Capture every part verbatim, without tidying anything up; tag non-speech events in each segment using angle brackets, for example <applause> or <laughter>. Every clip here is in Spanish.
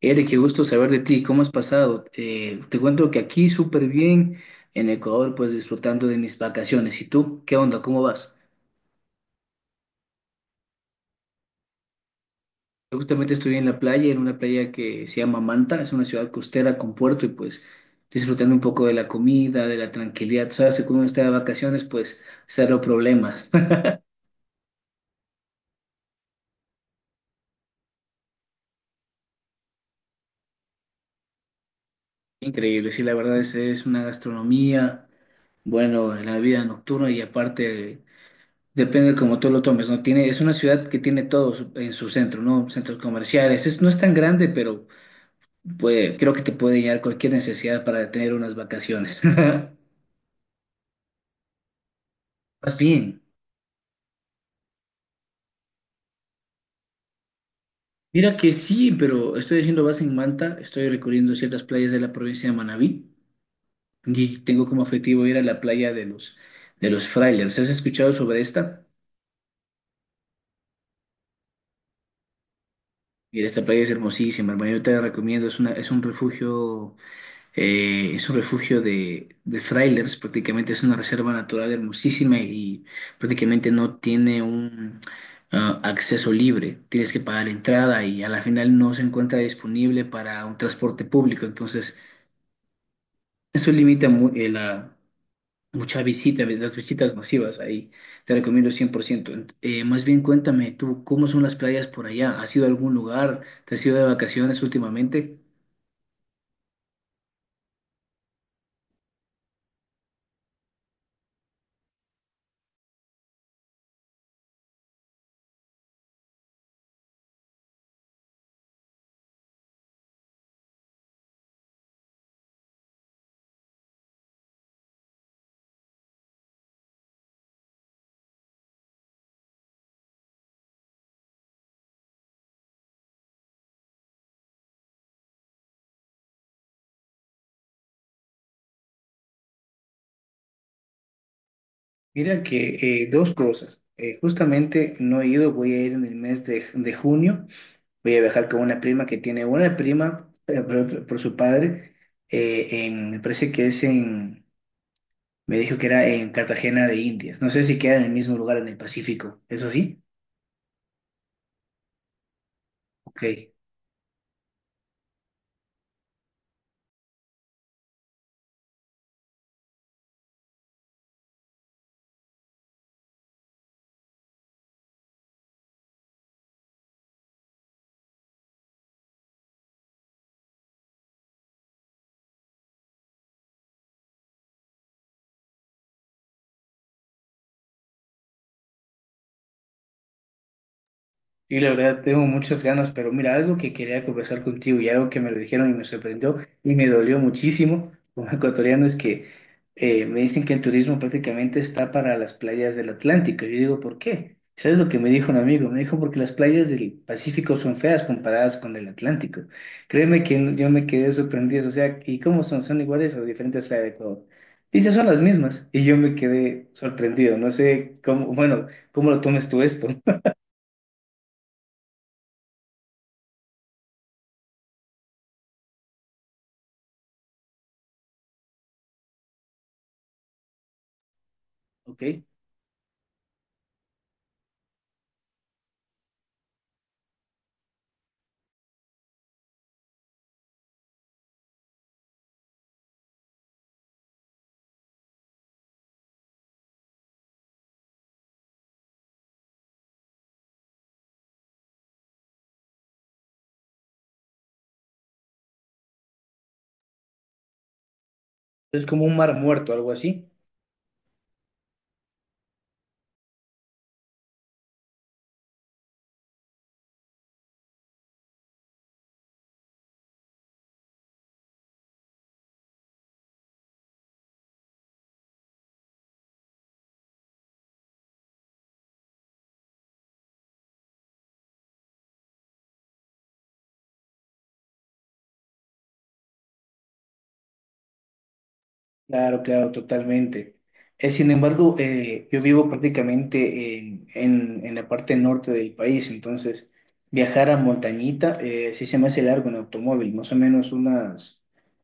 Eric, qué gusto saber de ti, ¿cómo has pasado? Eh, te cuento que aquí súper bien, en Ecuador, pues disfrutando de mis vacaciones. ¿Y tú? ¿Qué onda? ¿Cómo vas? Yo justamente estoy en la playa, en una playa que se llama Manta, es una ciudad costera con puerto y pues disfrutando un poco de la comida, de la tranquilidad. Sabes que cuando uno está de vacaciones, pues cero problemas. <laughs> Increíble, sí, la verdad es, es una gastronomía, bueno, la vida nocturna y aparte. Depende de cómo tú lo tomes, ¿no? Tiene, es una ciudad que tiene todo su- en su centro, ¿no? Centros comerciales. Es, no es tan grande, pero puede- creo que te puede llegar cualquier necesidad para tener unas vacaciones. <laughs> Más bien, mira que sí, pero estoy haciendo base en Manta, estoy recorriendo ciertas playas de la provincia de Manabí y tengo como objetivo ir a la playa de los, de los Frailers. ¿Has escuchado sobre esta? Mira, esta playa es hermosísima, hermano, yo te la recomiendo, es una, es un refugio. Eh, es un refugio de, de trailers, prácticamente es una reserva natural hermosísima y prácticamente no tiene un ah, acceso libre. Tienes que pagar entrada y a la final no se encuentra disponible para un transporte público. Entonces, eso limita mu- eh, la, mucha visita, las visitas masivas ahí. Te recomiendo cien por ciento. Ent- eh, más bien cuéntame tú, ¿cómo son las playas por allá? ¿Has ido a algún lugar? ¿Te has ido de vacaciones últimamente? Mira que eh, dos cosas. Eh, justamente no he ido, voy a ir en el mes de, de junio. Voy a viajar con una prima que tiene una prima eh, por, por su padre. Eh, en, me parece que es en, me dijo que era en Cartagena de Indias. No sé si queda en el mismo lugar en el Pacífico. ¿Es así? Ok. Y la verdad, tengo muchas ganas, pero mira, algo que quería conversar contigo y algo que me lo dijeron y me sorprendió y me dolió muchísimo como <laughs> ecuatoriano es que eh, me dicen que el turismo prácticamente está para las playas del Atlántico. Yo digo, ¿por qué? ¿Sabes lo que me dijo un amigo? Me dijo, porque las playas del Pacífico son feas comparadas con el Atlántico. Créeme que no- yo me quedé sorprendido. O sea, ¿y cómo son? ¿Son iguales o diferentes a Ecuador? Dice, son las mismas. Y yo me quedé sorprendido. No sé cómo, bueno, ¿cómo lo tomes tú esto? <laughs> ¿Ok? Es como un mar muerto, algo así. Claro, claro, totalmente. Eh, sin embargo, eh, yo vivo prácticamente en, en- en la parte norte del país, entonces viajar a Montañita eh, sí se me hace largo en automóvil, más o menos unas,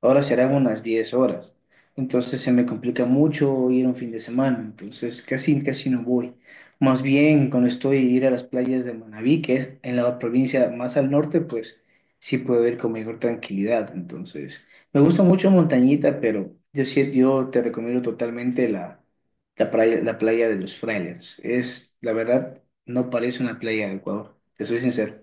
ahora serán unas diez horas. Entonces se me complica mucho ir un fin de semana, entonces casi, casi no voy. Más bien cuando estoy ir a las playas de Manabí, que es en la provincia más al norte, pues sí puedo ir con mayor tranquilidad, entonces... Me gusta mucho Montañita, pero yo sí, yo te recomiendo totalmente la, la playa, la playa de los Frailes. Es, la verdad, no parece una playa de Ecuador, te soy sincero.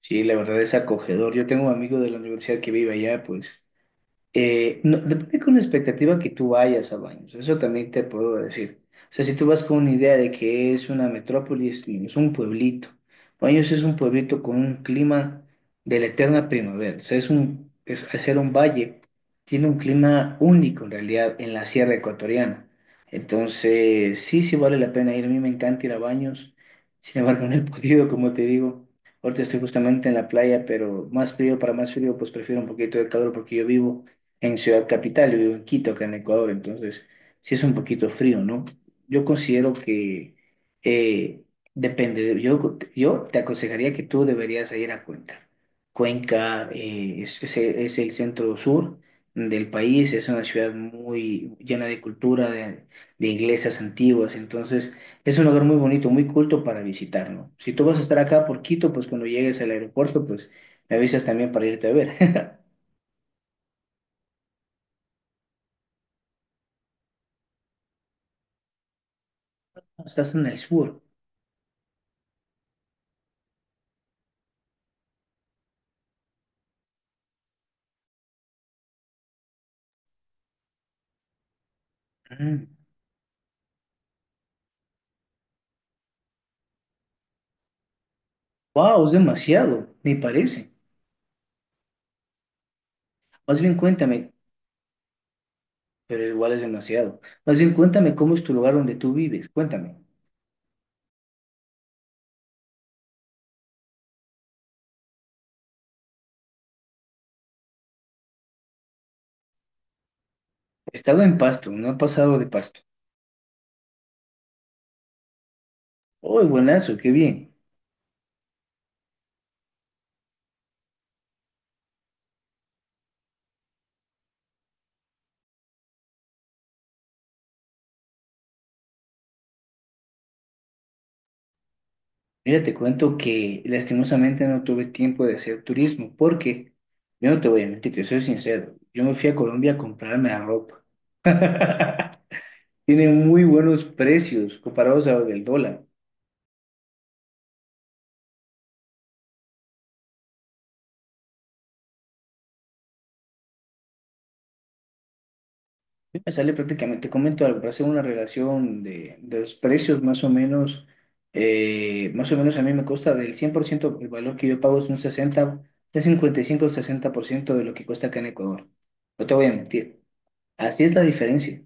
Sí, la verdad es acogedor. Yo tengo un amigo de la universidad que vive allá, pues. Eh, no, depende con la expectativa que tú vayas a Baños, eso también te puedo decir. O sea, si tú vas con una idea de que es una metrópolis, no, es un pueblito. Baños es un pueblito con un clima de la eterna primavera. O sea, es un, es, al ser un valle, tiene un clima único en realidad en la sierra ecuatoriana. Entonces, sí, sí vale la pena ir. A mí me encanta ir a Baños. Sin embargo, no he podido, como te digo. Ahorita estoy justamente en la playa, pero más frío para más frío, pues prefiero un poquito de calor porque yo vivo en Ciudad Capital, yo vivo en Quito, acá en Ecuador, entonces sí es un poquito frío, ¿no? Yo considero que eh, depende, de- yo, yo te aconsejaría que tú deberías ir a Cuenca. Cuenca eh, es, es el es el centro sur del país, es una ciudad muy llena de cultura, de, de iglesias antiguas, entonces es un lugar muy bonito, muy culto para visitar, ¿no? Si tú vas a estar acá por Quito, pues cuando llegues al aeropuerto, pues me avisas también para irte a ver. <laughs> Estás en el sur. Wow, es demasiado, me parece. Más bien cuéntame, pero igual es demasiado. Más bien cuéntame cómo es tu lugar donde tú vives. Cuéntame. He estado en Pasto, no he pasado de Pasto. ¡Oh, buenazo, qué bien! Mira, te cuento que lastimosamente no tuve tiempo de hacer turismo porque yo no te voy a mentir, te soy sincero. Yo me fui a Colombia a comprarme la ropa. <laughs> Tiene muy buenos precios comparados a del dólar. Me sale prácticamente, te comento algo, para hacer una relación de, de los precios más o menos, eh, más o menos a mí me cuesta del cien por ciento el valor que yo pago es un sesenta, de cincuenta y cinco o ciento de lo que cuesta acá en Ecuador. No te voy a mentir, así es la diferencia.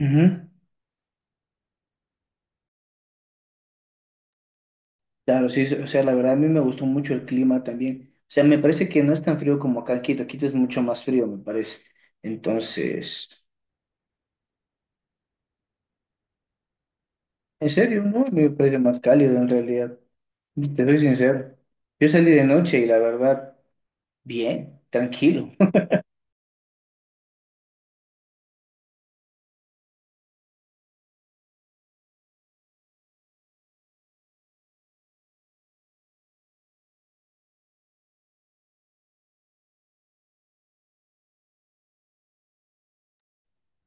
Ujú. Claro, sí, o sea, la verdad a mí me gustó mucho el clima también. O sea, me parece que no es tan frío como acá en Quito, Quito es mucho más frío, me parece. Entonces, en serio, no, me parece más cálido en realidad. Te soy sincero. Yo salí de noche y la verdad, bien, tranquilo. <laughs>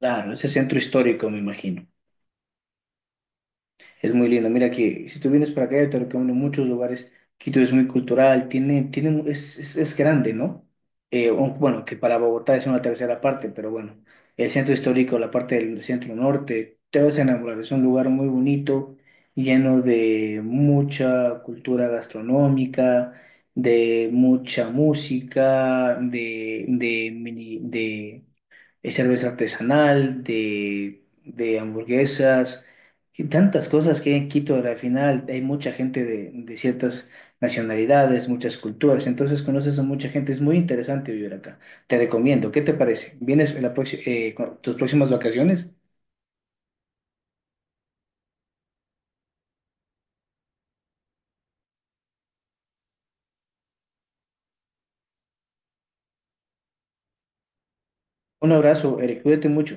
Claro, ese centro histórico, me imagino. Es muy lindo. Mira que si tú vienes para acá, yo te recomiendo muchos lugares. Quito es muy cultural, tiene, tiene, mu- es, es, es grande, ¿no? Eh, o- bueno, que para Bogotá es una tercera parte, pero bueno, el centro histórico, la parte del centro norte, te vas a enamorar. Es un lugar muy bonito, lleno de mucha cultura gastronómica, de mucha música, de, de, mini- de de cerveza artesanal, de, de hamburguesas, y tantas cosas que hay en Quito. Al final hay mucha gente de, de ciertas nacionalidades, muchas culturas, entonces conoces a mucha gente, es muy interesante vivir acá. Te recomiendo, ¿qué te parece? ¿Vienes en la proxi- eh, con tus próximas vacaciones? Un abrazo, Eric, cuídate mucho.